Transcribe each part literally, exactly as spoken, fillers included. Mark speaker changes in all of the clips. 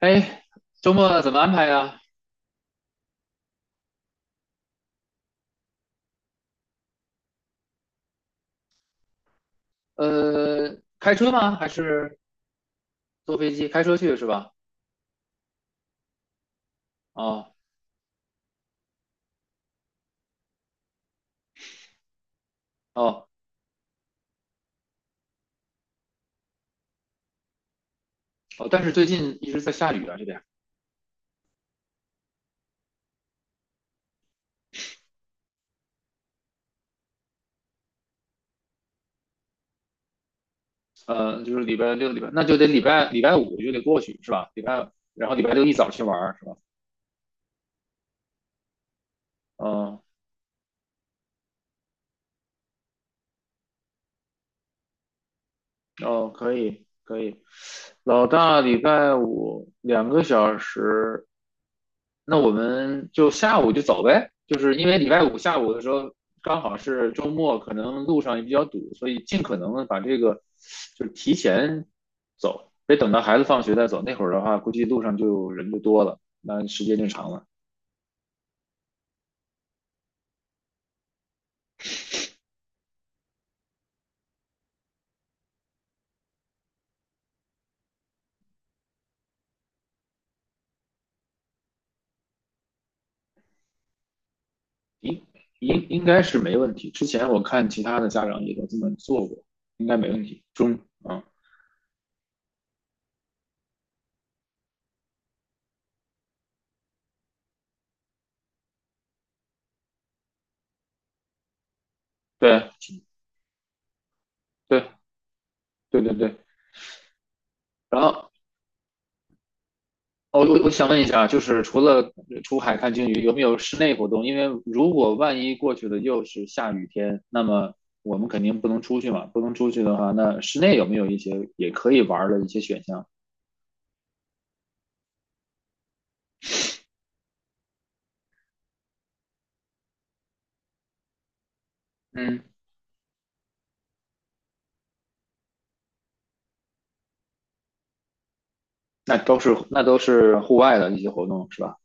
Speaker 1: 哎，周末怎么安排呀？呃，开车吗？还是坐飞机？开车去是吧？哦。哦。哦，但是最近一直在下雨啊，这边。呃，就是礼拜六、礼拜，那就得礼拜礼拜五就得过去是吧？礼拜，然后礼拜六一早去玩儿是吧？哦，哦，可以可以。老大礼拜五两个小时，那我们就下午就走呗，就是因为礼拜五下午的时候刚好是周末，可能路上也比较堵，所以尽可能的把这个就是提前走，别等到孩子放学再走。那会儿的话，估计路上就人就多了，那时间就长了。应应应该是没问题。之前我看其他的家长也都这么做过，应该没问题。中啊，对，对，对，对，对。然后。哦，我我想问一下，就是除了出海看鲸鱼，有没有室内活动？因为如果万一过去的又是下雨天，那么我们肯定不能出去嘛。不能出去的话，那室内有没有一些也可以玩儿的一些选项？嗯，那都是那都是户外的一些活动是吧？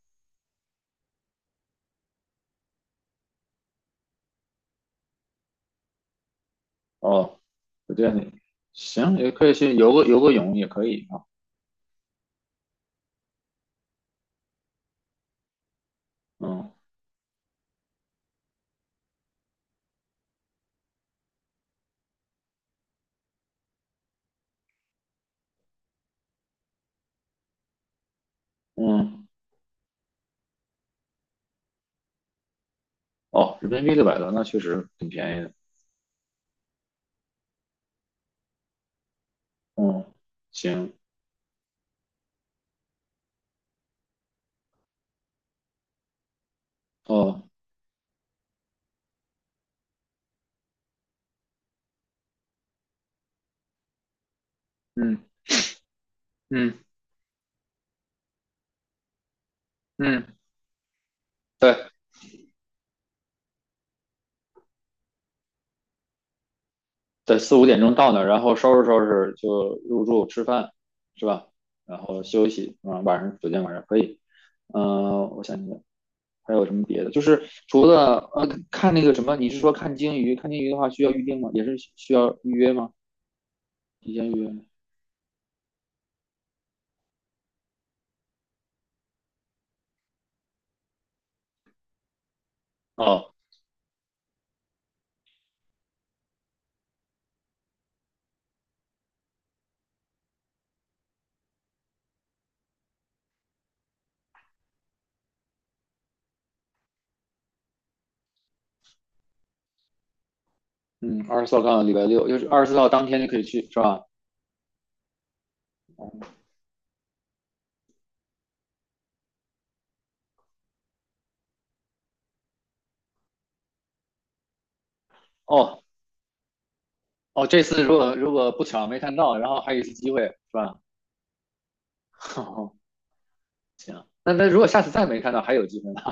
Speaker 1: 哦，我这样的，行，也可以去游个游个泳也可以啊。嗯，嗯，哦，人民币六百多，那确实挺便宜的。嗯，行，哦，嗯，嗯，嗯，对。在四五点钟到那儿，然后收拾收拾就入住吃饭，是吧？然后休息，嗯，晚上酒店晚上可以。嗯。呃我想想还有什么别的？就是除了呃看那个什么，你是说看鲸鱼？看鲸鱼的话需要预定吗？也是需要预约吗？提前预约。哦，嗯，二十四号刚好礼拜六，就是二十四号当天就可以去，是吧？哦。哦，这次如果如果不巧没看到，然后还有一次机会，是吧？行，那那如果下次再没看到，还有机会呢。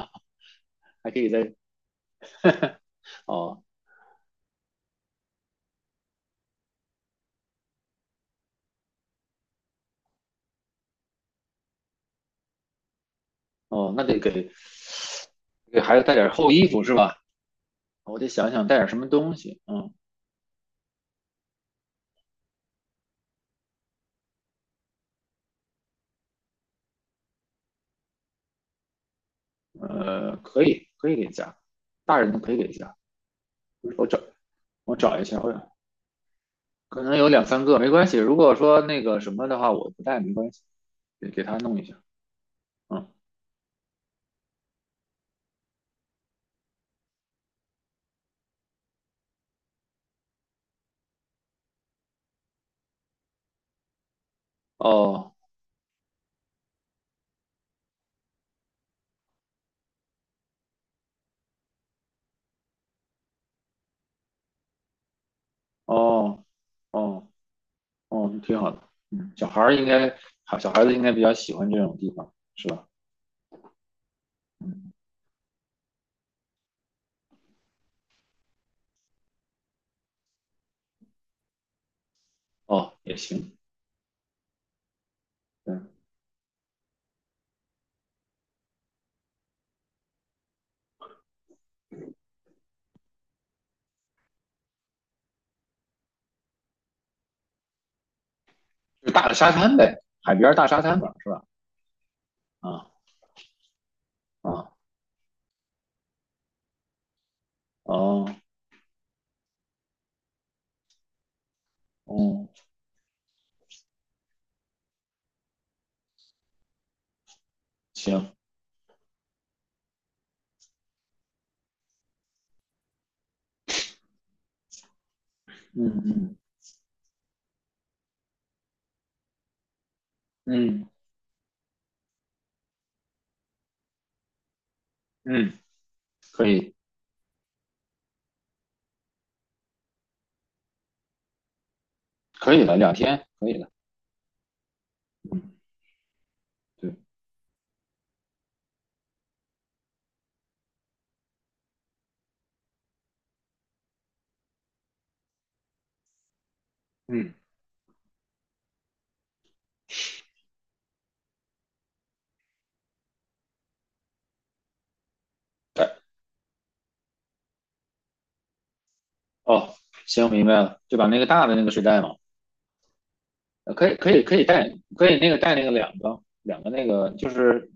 Speaker 1: 还可以再。哦。哦，那得给给孩子带点厚衣服是吧？我得想想带点什么东西。嗯，呃，可以，可以给加，大人的可以给加。我找我找一下，我可能有两三个，没关系。如果说那个什么的话，我不带没关系，给给他弄一下。嗯。哦。哦。哦。哦，挺好的。嗯，小孩儿应该。好，小孩子应该比较喜欢这种地方，是吧？哦，也行。嗯，就是大的沙滩呗，海边儿大沙滩吧，是吧？啊。啊。哦。哦。行。嗯。嗯。嗯，嗯，可以，可以的，两天可以的。嗯，对，嗯，对。哦，行，明白了，就把那个大的那个睡袋嘛，呃可以，可以可以带。可以那个带那个两个两个那个就是。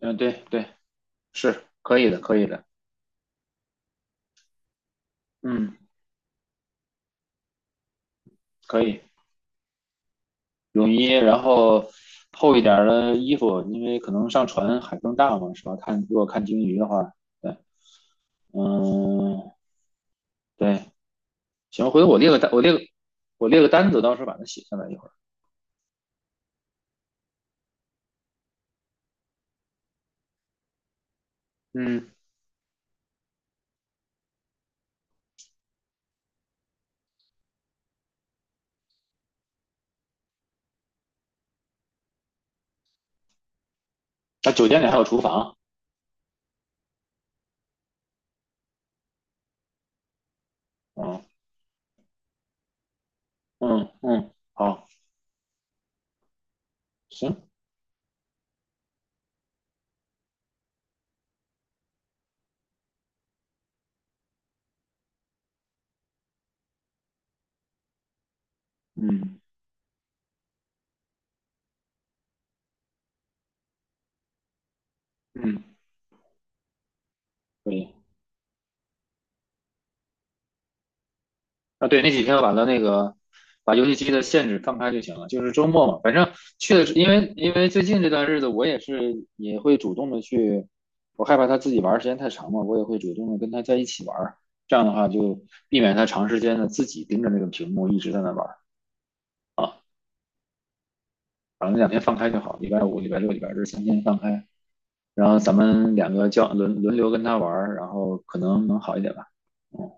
Speaker 1: 嗯，对，对，是可以的，可以的。嗯，可以。泳衣，然后厚一点儿的衣服，因为可能上船海更大嘛，是吧？看如果看鲸鱼的话，对，嗯，对，行，回头我列个单，我列个我列个单子，到时候把它写下来一会儿。嗯。那酒店里还有厨房。嗯，嗯，嗯，好，行，嗯，嗯，可以。啊，对，那几天我把它那个把游戏机的限制放开就行了，就是周末嘛，反正去的是，因为因为最近这段日子我也是也会主动的去，我害怕他自己玩儿时间太长嘛，我也会主动的跟他在一起玩儿，这样的话就避免他长时间的自己盯着那个屏幕一直在那玩儿。啊，反正两天放开就好，礼拜五、礼拜六、礼拜日三天放开，然后咱们两个交轮轮流跟他玩儿然后可能能好一点吧。嗯，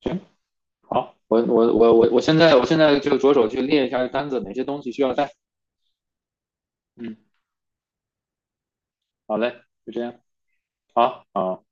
Speaker 1: 行，好，我我我我我现在我现在就着手去列一下单子，哪些东西需要带。嗯，好嘞，就这样。好，好。